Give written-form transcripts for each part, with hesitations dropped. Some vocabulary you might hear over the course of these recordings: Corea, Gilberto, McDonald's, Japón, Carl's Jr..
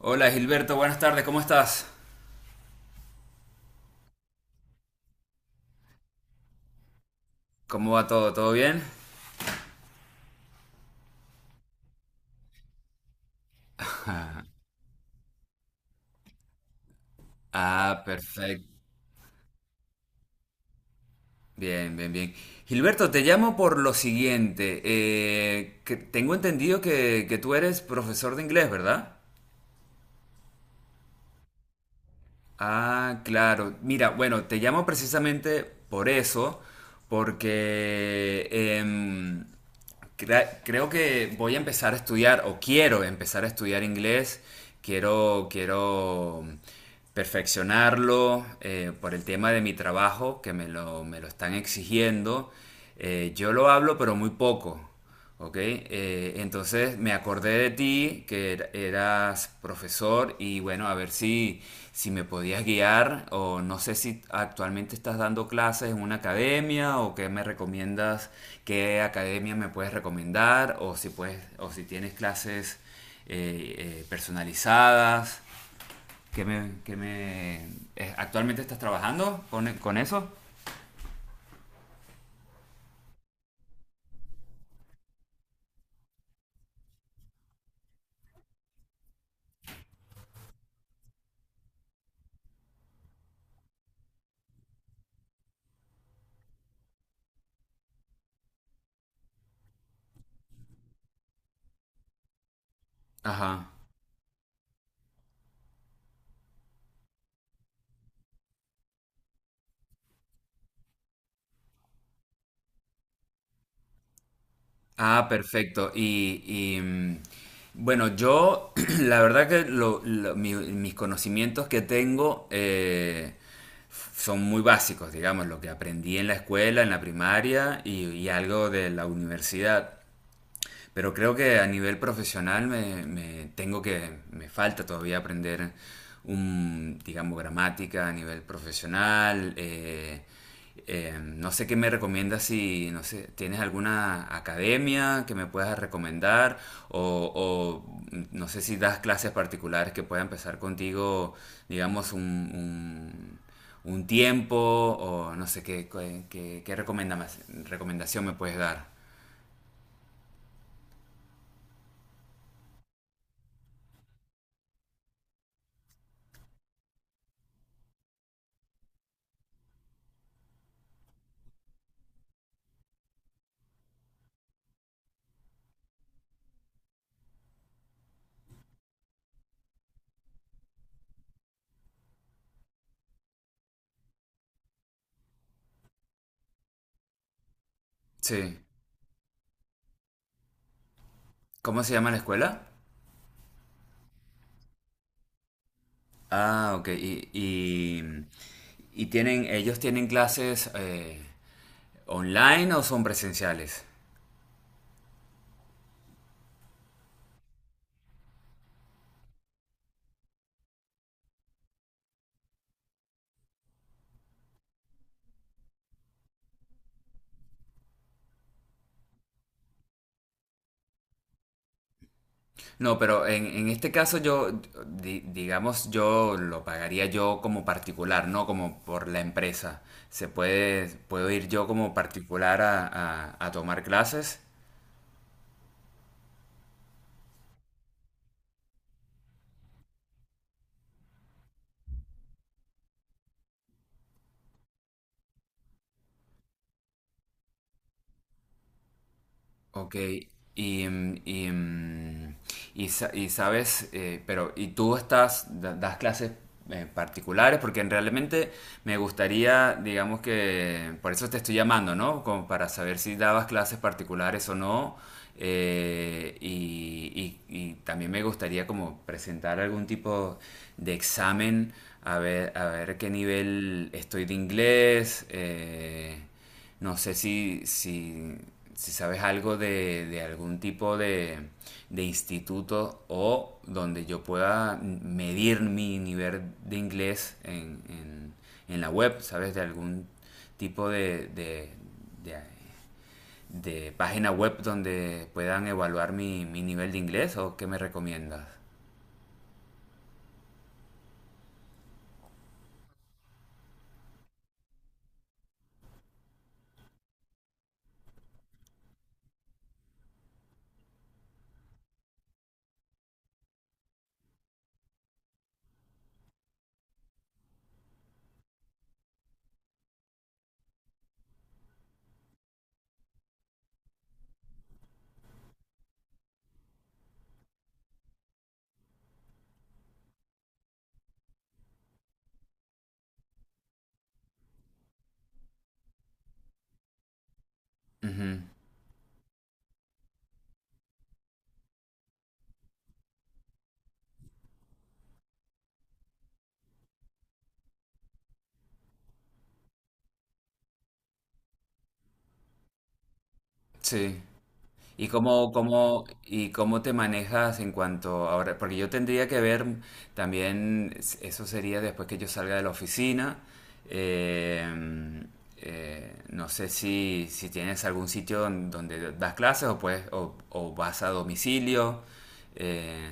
Hola Gilberto, buenas tardes, ¿cómo estás? ¿Cómo va todo? ¿Todo bien? Ah, perfecto. Bien, bien, bien. Gilberto, te llamo por lo siguiente. Que tengo entendido que, tú eres profesor de inglés, ¿verdad? Ah, claro. Mira, bueno, te llamo precisamente por eso, porque creo que voy a empezar a estudiar, o quiero empezar a estudiar inglés, quiero perfeccionarlo, por el tema de mi trabajo, que me lo están exigiendo. Yo lo hablo, pero muy poco. Ok, entonces me acordé de ti, que eras profesor y bueno, a ver si, si me podías guiar, o no sé si actualmente estás dando clases en una academia o qué me recomiendas, qué academia me puedes recomendar, o si puedes, o si tienes clases eh, personalizadas. ¿Qué me, qué me, eh, Actualmente, ¿estás trabajando con eso? Ajá. Ah, perfecto. Y, mm, bueno, yo la verdad que mis conocimientos que tengo, son muy básicos, digamos, lo que aprendí en la escuela, en la primaria y algo de la universidad. Pero creo que a nivel profesional me falta todavía aprender un, digamos, gramática a nivel profesional. No sé qué me recomiendas, si, no sé, tienes alguna academia que me puedas recomendar, o, o, no sé si das clases particulares que pueda empezar contigo, digamos, un- un tiempo, o no sé qué, qué recomendación me puedes dar. Sí. ¿Cómo se llama la escuela? Ah, ok. Y tienen, ellos tienen clases, ¿online o son presenciales? No, pero en este caso yo, digamos, yo lo pagaría yo como particular, no como por la empresa. Puedo ir yo como particular a, a tomar clases. Ok, y, mm, y, mm, y y sabes, pero, ¿y tú estás, das clases, particulares? Porque realmente me gustaría, digamos que, por eso te estoy llamando, ¿no? Como para saber si dabas clases particulares o no. Y, y también me gustaría como presentar algún tipo de examen, a ver qué nivel estoy de inglés. No sé si sabes algo de algún tipo de instituto, o donde yo pueda medir mi nivel de inglés en, en la web, ¿sabes? De algún tipo de, de- de página web donde puedan evaluar mi, mi nivel de inglés, o qué me recomiendas. Ujú. Sí. ¿Y cómo, cómo, y cómo te manejas en cuanto ahora? Porque yo tendría que ver también, eso sería después que yo salga de la oficina. eh, no sé si, si tienes algún sitio donde das clases, o, puedes, o vas a domicilio. eh,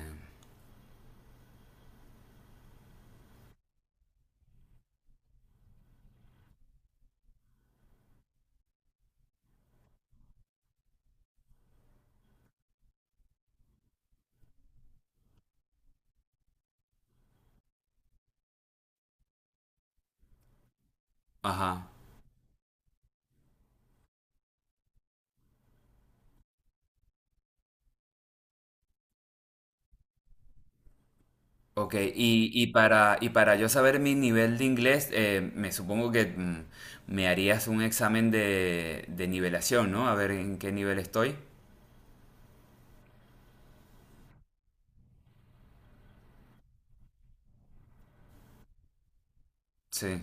ajá. Ok, y para yo saber mi nivel de inglés, me supongo que, me harías un examen de nivelación, ¿no? A ver en qué nivel estoy. Sí.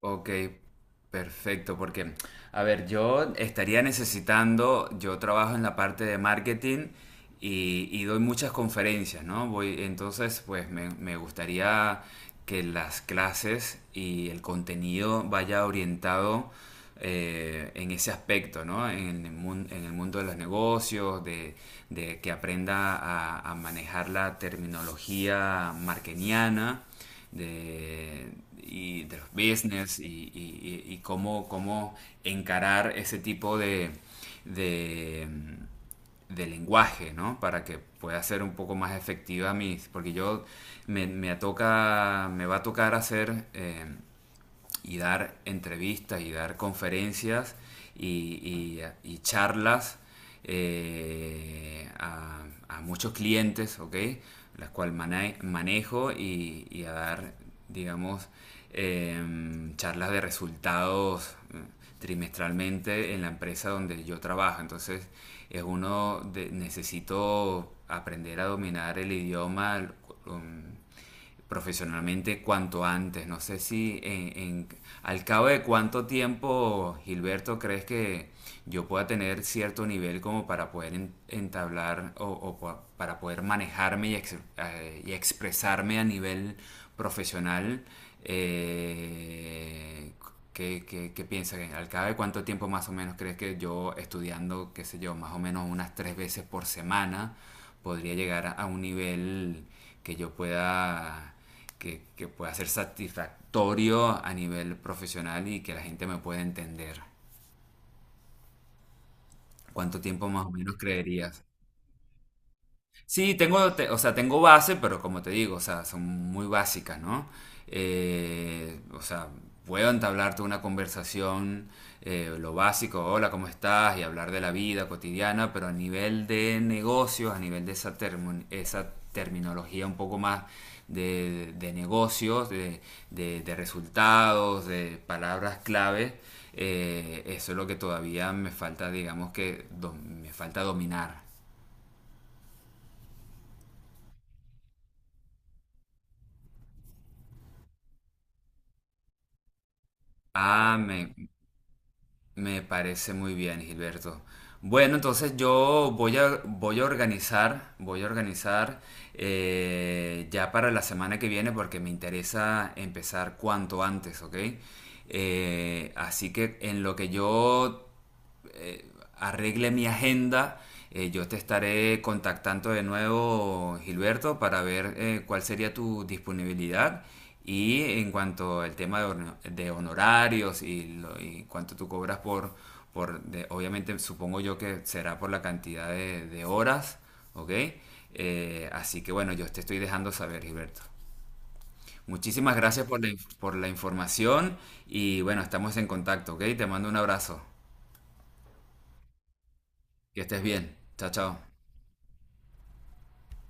Ok, perfecto, porque, a ver, yo estaría necesitando, yo trabajo en la parte de marketing y doy muchas conferencias, ¿no? Voy, entonces, pues me gustaría que las clases y el contenido vaya orientado, en ese aspecto, ¿no? En el, en el mundo de los negocios, de que aprenda a manejar la terminología marketiana de, y de los business y, y cómo, cómo encarar ese tipo de, de lenguaje, ¿no? Para que pueda ser un poco más efectiva mis... Porque yo me toca, me va a tocar hacer... Y dar entrevistas y dar conferencias y, y, y charlas, a, muchos clientes, ¿ok? Las cuales manejo y, a dar, digamos, charlas de resultados, trimestralmente en la empresa donde yo trabajo. Entonces, es uno, de, necesito aprender a dominar el idioma. Um, Profesionalmente cuanto antes. No sé si en, al cabo de cuánto tiempo, Gilberto, crees que yo pueda tener cierto nivel como para poder entablar, o para poder manejarme y, y expresarme a nivel profesional. Eh, ¿Qué, qué, qué piensas? ¿Al cabo de cuánto tiempo más o menos crees que yo estudiando, qué sé yo, más o menos unas tres veces por semana, podría llegar a un nivel que yo pueda que pueda ser satisfactorio a nivel profesional y que la gente me pueda entender? ¿Cuánto tiempo más o menos creerías? Sí, tengo, o sea, tengo base, pero como te digo, o sea, son muy básicas, ¿no? O sea, puedo entablarte una conversación, lo básico, hola, ¿cómo estás? Y hablar de la vida cotidiana, pero a nivel de negocios, a nivel de esa, esa terminología un poco más de negocios, de, de resultados, de palabras clave, eso es lo que todavía me falta, digamos que, me falta dominar. Ah, me, Me parece muy bien, Gilberto. Bueno, entonces yo voy a, voy a organizar, ya para la semana que viene porque me interesa empezar cuanto antes, ¿ok? Así que en lo que yo eh, arregle mi agenda, yo te estaré contactando de nuevo, Gilberto, para ver, cuál sería tu disponibilidad. Y en cuanto al tema de, de honorarios y, y cuánto tú cobras por obviamente supongo yo que será por la cantidad de horas, ¿ok? Así que bueno, yo te estoy dejando saber, Gilberto. Muchísimas gracias por la, por la información y bueno, estamos en contacto, ¿ok? Te mando un abrazo. Que estés bien. Chao, chao.